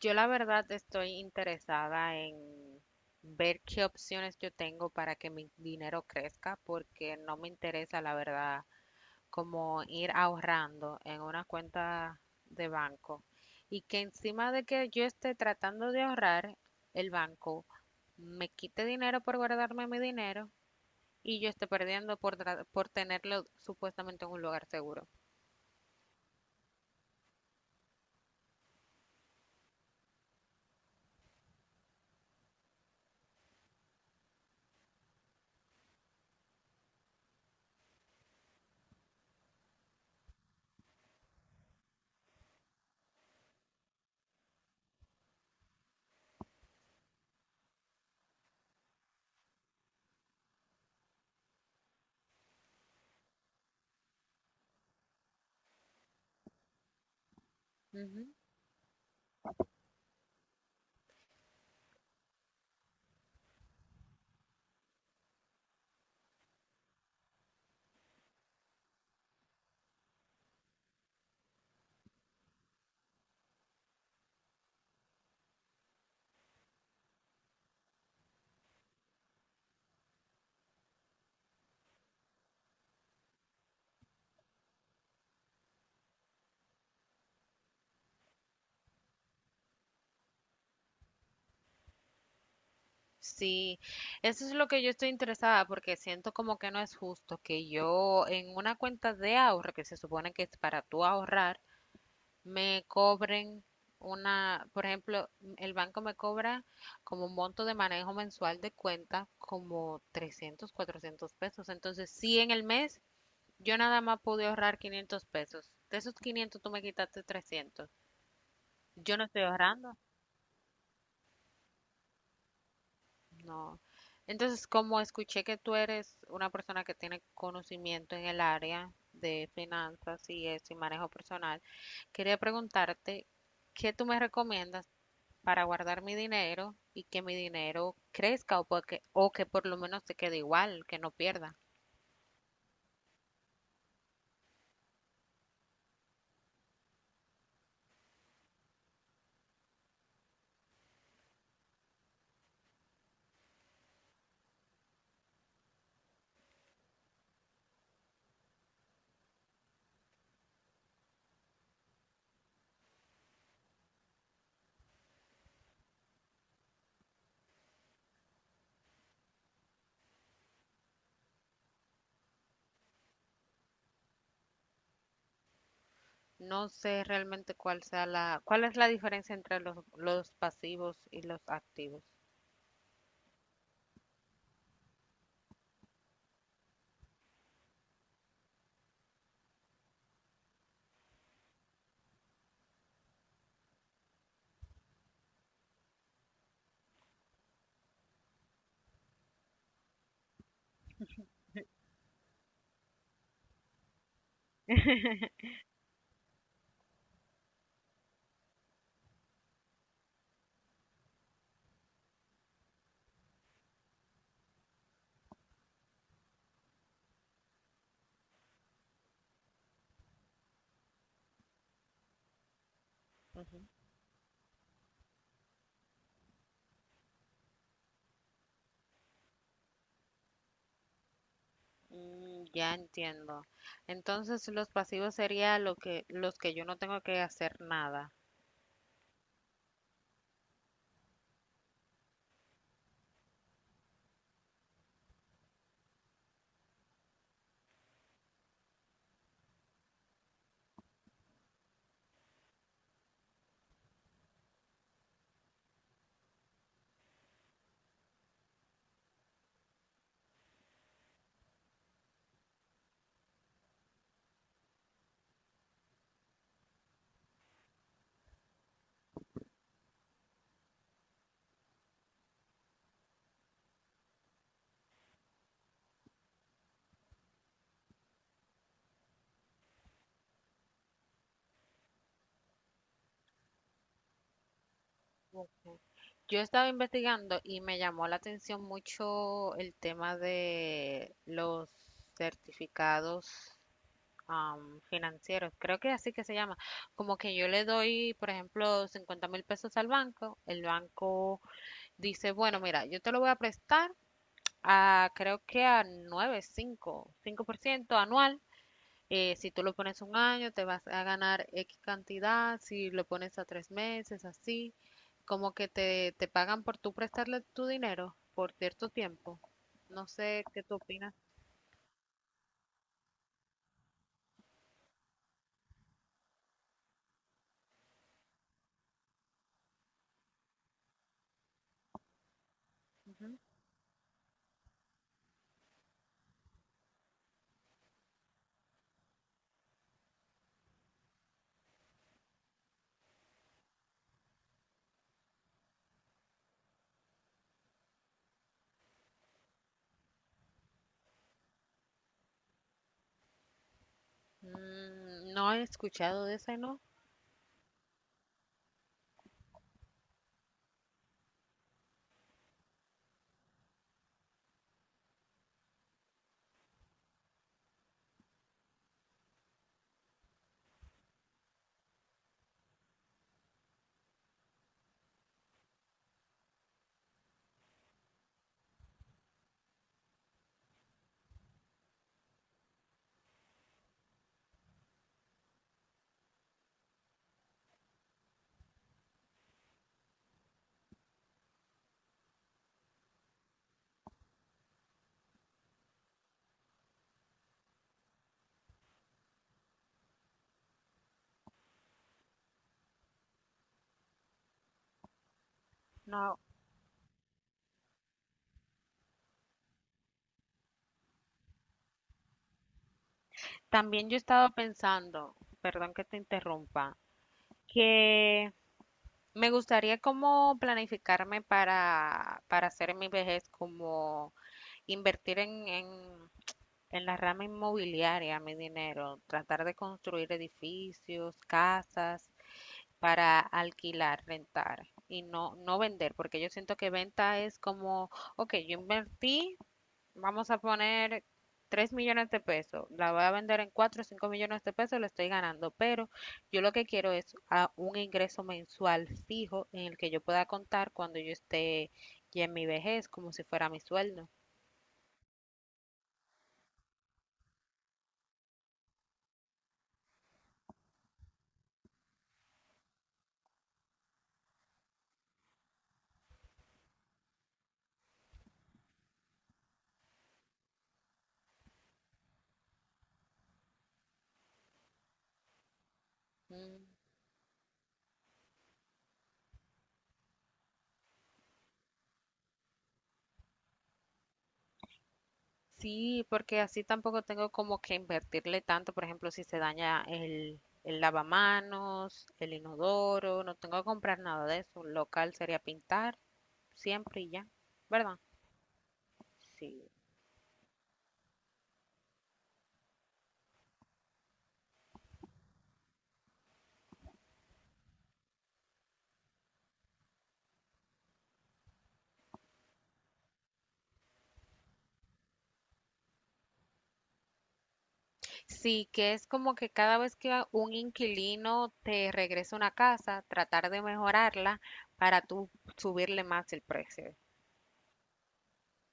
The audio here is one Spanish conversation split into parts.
Yo la verdad estoy interesada en ver qué opciones yo tengo para que mi dinero crezca, porque no me interesa, la verdad, como ir ahorrando en una cuenta de banco y que encima de que yo esté tratando de ahorrar, el banco me quite dinero por guardarme mi dinero y yo esté perdiendo por tenerlo supuestamente en un lugar seguro. Ujú. Sí, eso es lo que yo estoy interesada porque siento como que no es justo que yo en una cuenta de ahorro que se supone que es para tú ahorrar, me cobren una, por ejemplo, el banco me cobra como un monto de manejo mensual de cuenta como 300, 400 pesos. Entonces, si en el mes yo nada más pude ahorrar 500 pesos, de esos 500 tú me quitaste 300. Yo no estoy ahorrando. No. Entonces, como escuché que tú eres una persona que tiene conocimiento en el área de finanzas y eso y manejo personal, quería preguntarte, ¿qué tú me recomiendas para guardar mi dinero y que mi dinero crezca o que por lo menos se quede igual, que no pierda? No sé realmente cuál sea cuál es la diferencia entre los pasivos y los activos. Mm, ya entiendo. Entonces, los pasivos sería los que yo no tengo que hacer nada. Yo estaba investigando y me llamó la atención mucho el tema de los certificados financieros. Creo que así que se llama. Como que yo le doy, por ejemplo, 50 mil pesos al banco. El banco dice, bueno, mira, yo te lo voy a prestar a creo que a 9, 5, ciento anual. Si tú lo pones un año, te vas a ganar X cantidad, si lo pones a tres meses, así, como que te pagan por tú prestarle tu dinero por cierto tiempo. No sé qué tú opinas. Ujú. No he escuchado de ese, ¿no? No. También yo he estado pensando, perdón que te interrumpa, que me gustaría como planificarme para hacer mi vejez, como invertir en la rama inmobiliaria, mi dinero, tratar de construir edificios, casas para alquilar, rentar y no, no vender, porque yo siento que venta es como, ok, yo invertí, vamos a poner 3 millones de pesos, la voy a vender en 4 o 5 millones de pesos, lo estoy ganando, pero yo lo que quiero es un ingreso mensual fijo en el que yo pueda contar cuando yo esté ya en mi vejez, como si fuera mi sueldo. Mm. Sí, porque así tampoco tengo como que invertirle tanto, por ejemplo, si se daña el lavamanos, el inodoro, no tengo que comprar nada de eso. Local sería pintar, siempre y ya, ¿verdad? Sí. Sí, que es como que cada vez que un inquilino te regresa una casa, tratar de mejorarla para tú subirle más el precio.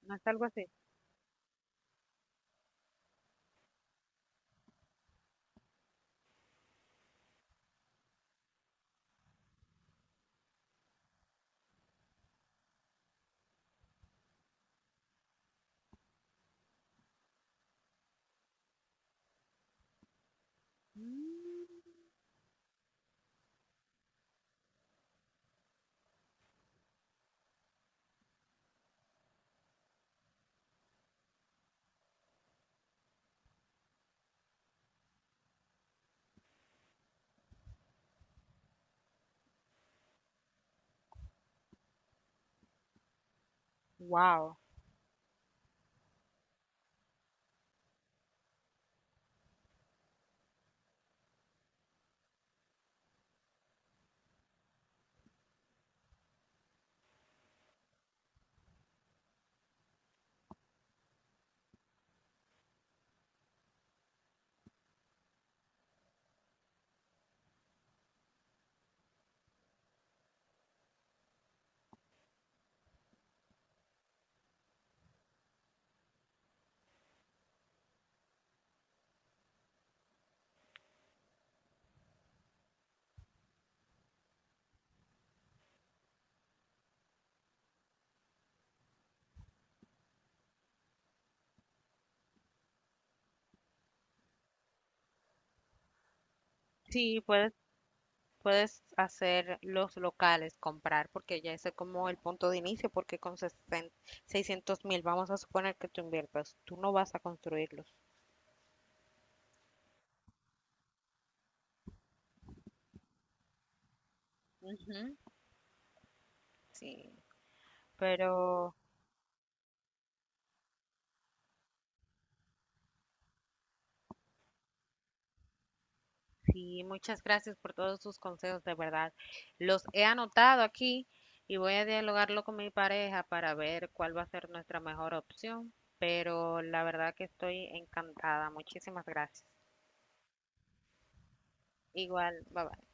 ¿No es algo así? Wow. Sí, Puedes hacer los locales, comprar, porque ya ese es como el punto de inicio, porque con 600 mil, vamos a suponer que tú inviertas, tú no vas a construirlos. Ujú, sí. Pero sí, muchas gracias por todos sus consejos, de verdad. Los he anotado aquí y voy a dialogarlo con mi pareja para ver cuál va a ser nuestra mejor opción. Pero la verdad que estoy encantada. Muchísimas gracias. Igual, bye bye.